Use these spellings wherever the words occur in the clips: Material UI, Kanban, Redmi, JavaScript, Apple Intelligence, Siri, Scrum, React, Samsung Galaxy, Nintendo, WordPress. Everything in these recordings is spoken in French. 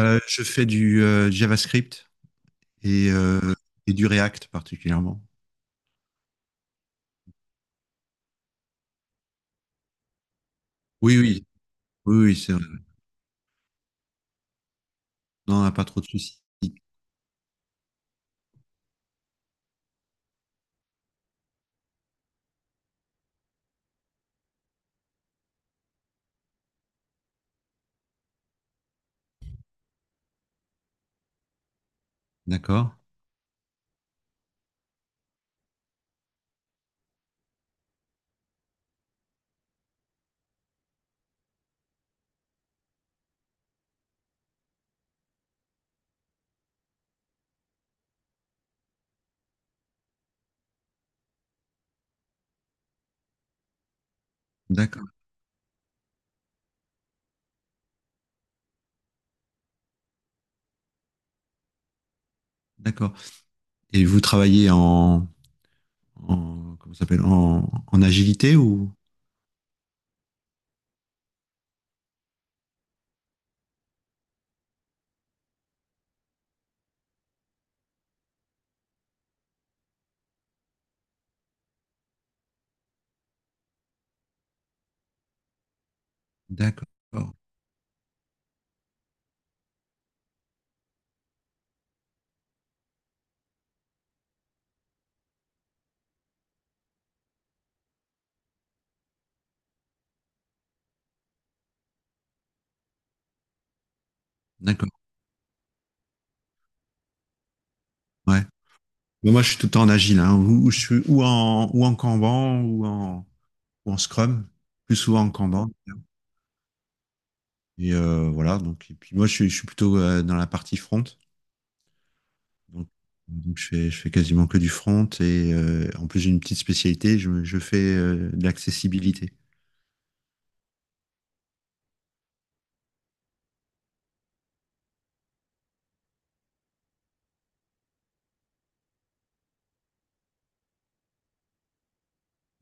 Je fais du JavaScript et, euh, et du React particulièrement. Oui, oui, oui, c'est vrai. Non, on n'a pas trop de soucis. D'accord, d'accord, d'accord. Et vous travaillez en comment ça s'appelle, en agilité ou? D'accord, d'accord, ouais. Mais moi, je suis tout le temps en agile, hein, ou je suis ou en Kanban ou en Scrum, plus souvent en Kanban. Et voilà, donc et puis moi, je suis plutôt dans la partie front. Donc, donc je fais quasiment que du front et en plus j'ai une petite spécialité, je fais de l'accessibilité.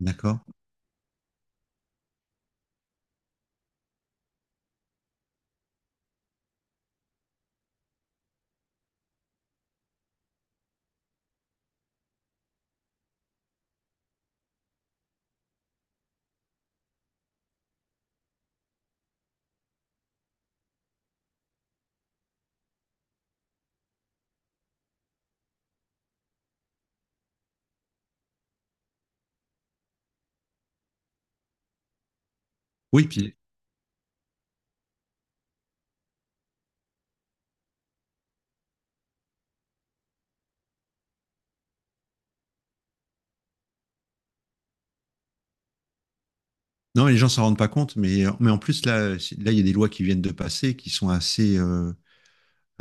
D'accord? Oui, puis non, les gens s'en rendent pas compte, mais en plus là, là, il y a des lois qui viennent de passer qui sont assez. euh,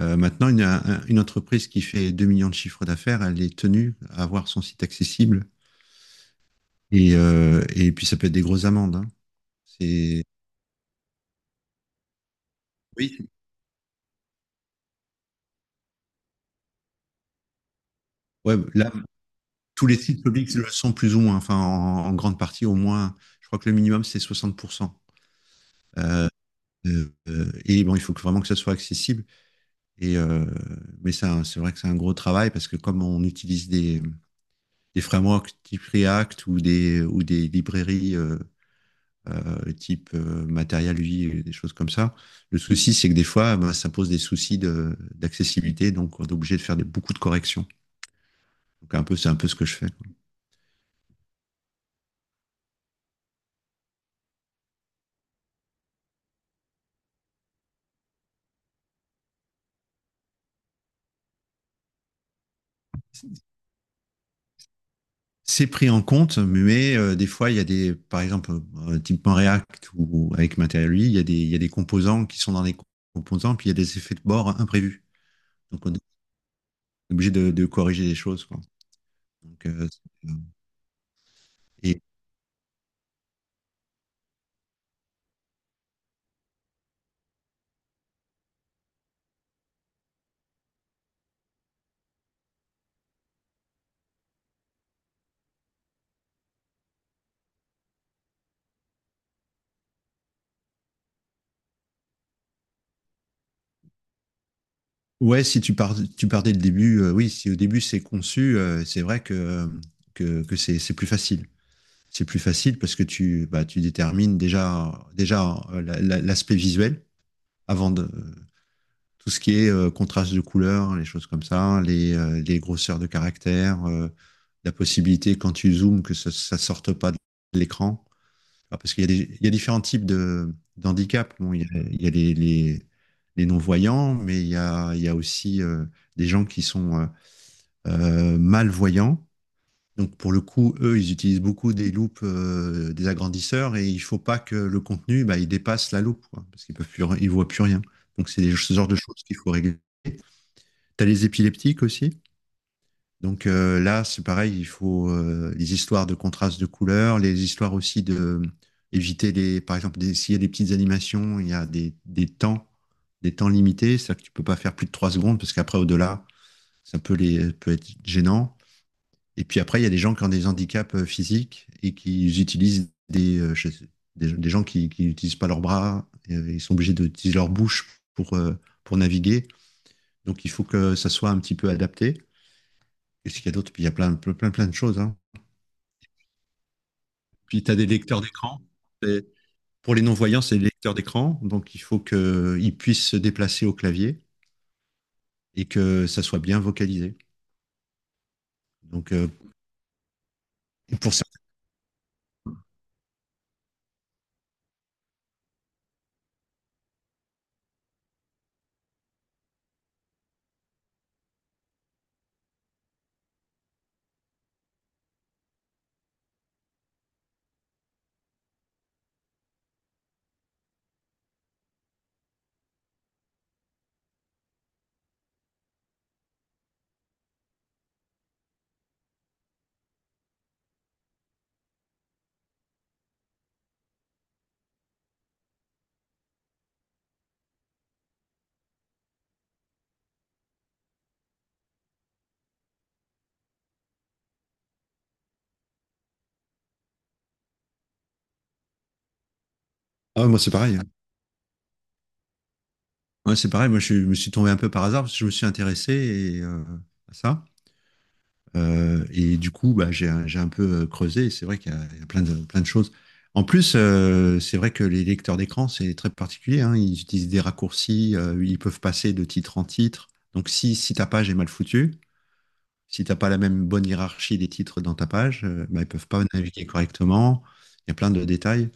euh, Maintenant, une entreprise qui fait 2 millions de chiffres d'affaires, elle est tenue à avoir son site accessible. Et puis ça peut être des grosses amendes, hein. C'est Oui, ouais, là, tous les sites publics le sont plus ou moins, enfin en grande partie au moins. Je crois que le minimum c'est 60%. Et bon, vraiment que ça soit accessible. Et, euh, mais ça, c'est vrai que c'est un gros travail parce que comme on utilise des frameworks type React ou des librairies type Material UI, des choses comme ça. Le souci, c'est que des fois, bah, ça pose des soucis d'accessibilité. Donc, on est obligé de faire beaucoup de corrections. Donc, un peu, c'est un peu ce que je fais, quoi. C'est pris en compte, mais des fois, il y a des, par exemple, typiquement React ou avec Material il y a il y a des composants qui sont dans les composants, puis il y a des effets de bord imprévus. Donc, on est obligé de corriger les choses, quoi. Donc, euh, c'est- euh, et ouais, si tu pars, tu pars dès le début, oui, si au début c'est conçu, c'est vrai que, que c'est plus facile. C'est plus facile parce que tu, bah, tu détermines déjà l'aspect visuel avant de, tout ce qui est contraste de couleurs, les choses comme ça, les grosseurs de caractères, la possibilité quand tu zoomes que ça sorte pas de l'écran. Ah, parce qu'il y a il y a différents types de d'handicap. Bon, il y a les non-voyants, mais il y a aussi des gens qui sont malvoyants. Donc pour le coup, eux, ils utilisent beaucoup des loupes, des agrandisseurs, et il ne faut pas que le contenu, bah, il dépasse la loupe, quoi, parce qu'ils peuvent plus, ils voient plus rien. Donc c'est ce genre de choses qu'il faut régler. T'as les épileptiques aussi. Donc là, c'est pareil, il faut les histoires de contraste de couleurs, les histoires aussi de éviter les, par exemple, s'il y a des petites animations, il y a des temps limités, c'est-à-dire que tu peux pas faire plus de 3 secondes parce qu'après au-delà, ça peut être gênant. Et puis après, il y a des gens qui ont des handicaps physiques et qui utilisent des, je sais- des gens qui n'utilisent pas leurs bras, ils sont obligés d'utiliser leur bouche pour naviguer. Donc il faut que ça soit un petit peu adapté. Qu'est-ce qu'il y a d'autre? Puis il y a plein, plein, plein, plein de choses, hein. Puis tu as des lecteurs d'écran. Et pour les non-voyants, c'est des lecteurs d'écran. Donc il faut qu'ils puissent se déplacer au clavier et que ça soit bien vocalisé. Donc euh, et pour certains. Ah, moi, c'est pareil, hein. Ouais, c'est pareil. Moi, je me suis tombé un peu par hasard parce que je me suis intéressé à ça. Et du coup, bah, j'ai un peu creusé. Et c'est vrai qu'il y a, il y a plein plein de choses. En plus, c'est vrai que les lecteurs d'écran, c'est très particulier, hein. Ils utilisent des raccourcis, ils peuvent passer de titre en titre. Donc, si, si ta page est mal foutue, si t'as pas la même bonne hiérarchie des titres dans ta page, bah, ils peuvent pas naviguer correctement. Il y a plein de détails.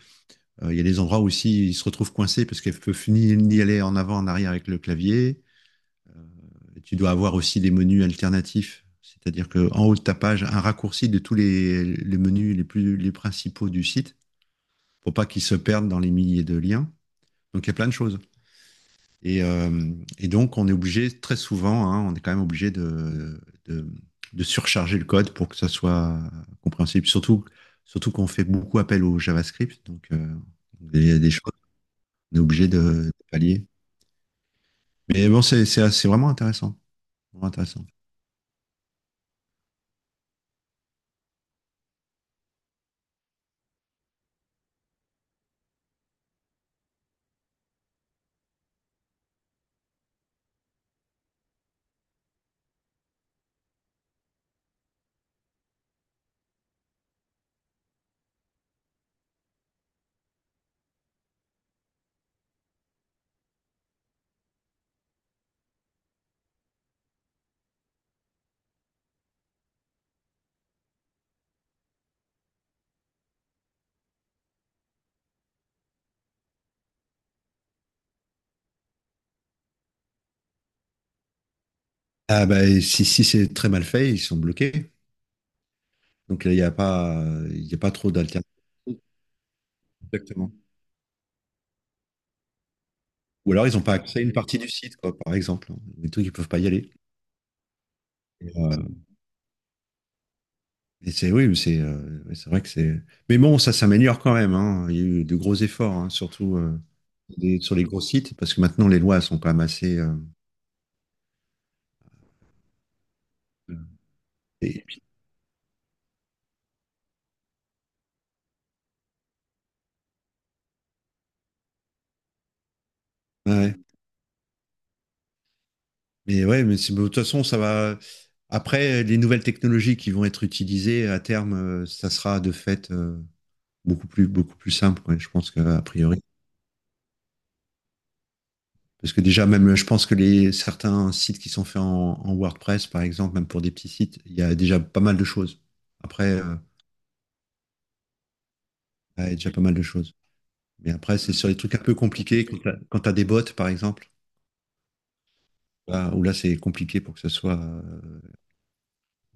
Il y a des endroits aussi, ils se retrouvent coincés parce qu'ils peuvent ni aller en avant, en arrière avec le clavier. Tu dois avoir aussi des menus alternatifs. C'est-à-dire qu'en haut de ta page, un raccourci de les menus les principaux du site pour pas qu'ils se perdent dans les milliers de liens. Donc il y a plein de choses. Et, euh, et donc on est obligé très souvent, hein, on est quand même obligé de, de surcharger le code pour que ça soit compréhensible. Surtout, surtout qu'on fait beaucoup appel au JavaScript, donc il y a des choses qu'on est obligé de pallier. Mais bon, c'est vraiment intéressant, vraiment intéressant. Ah bah, et si, si c'est très mal fait, ils sont bloqués. Donc là, il y a pas trop d'alternatives. Exactement. Ou alors, ils n'ont pas accès à une partie du site, quoi, par exemple. Des trucs, ils ne peuvent pas y aller. Et, euh, c'est, oui, mais c'est ouais, c'est vrai que c'est. Mais bon, ça s'améliore quand même, hein. Il y a eu de gros efforts, hein, surtout sur les gros sites, parce que maintenant, les lois sont quand même assez. et- ouais. Mais ouais, mais de toute façon, ça va. Après, les nouvelles technologies qui vont être utilisées à terme, ça sera de fait beaucoup plus simple, ouais, je pense qu'a priori. Parce que déjà, même, je pense que les, certains sites qui sont faits en WordPress, par exemple, même pour des petits sites, il y a déjà pas mal de choses. Après, il y a déjà pas mal de choses. Mais après, c'est sur les trucs un peu compliqués, quand tu as, des bots, par exemple, où là, c'est compliqué pour que ce soit,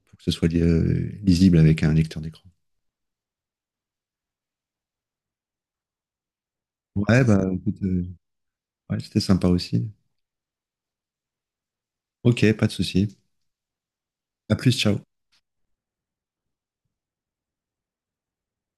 pour que ce soit lisible avec un lecteur d'écran. Ouais, bah, écoute, ouais, c'était sympa aussi. Ok, pas de souci. À plus, ciao.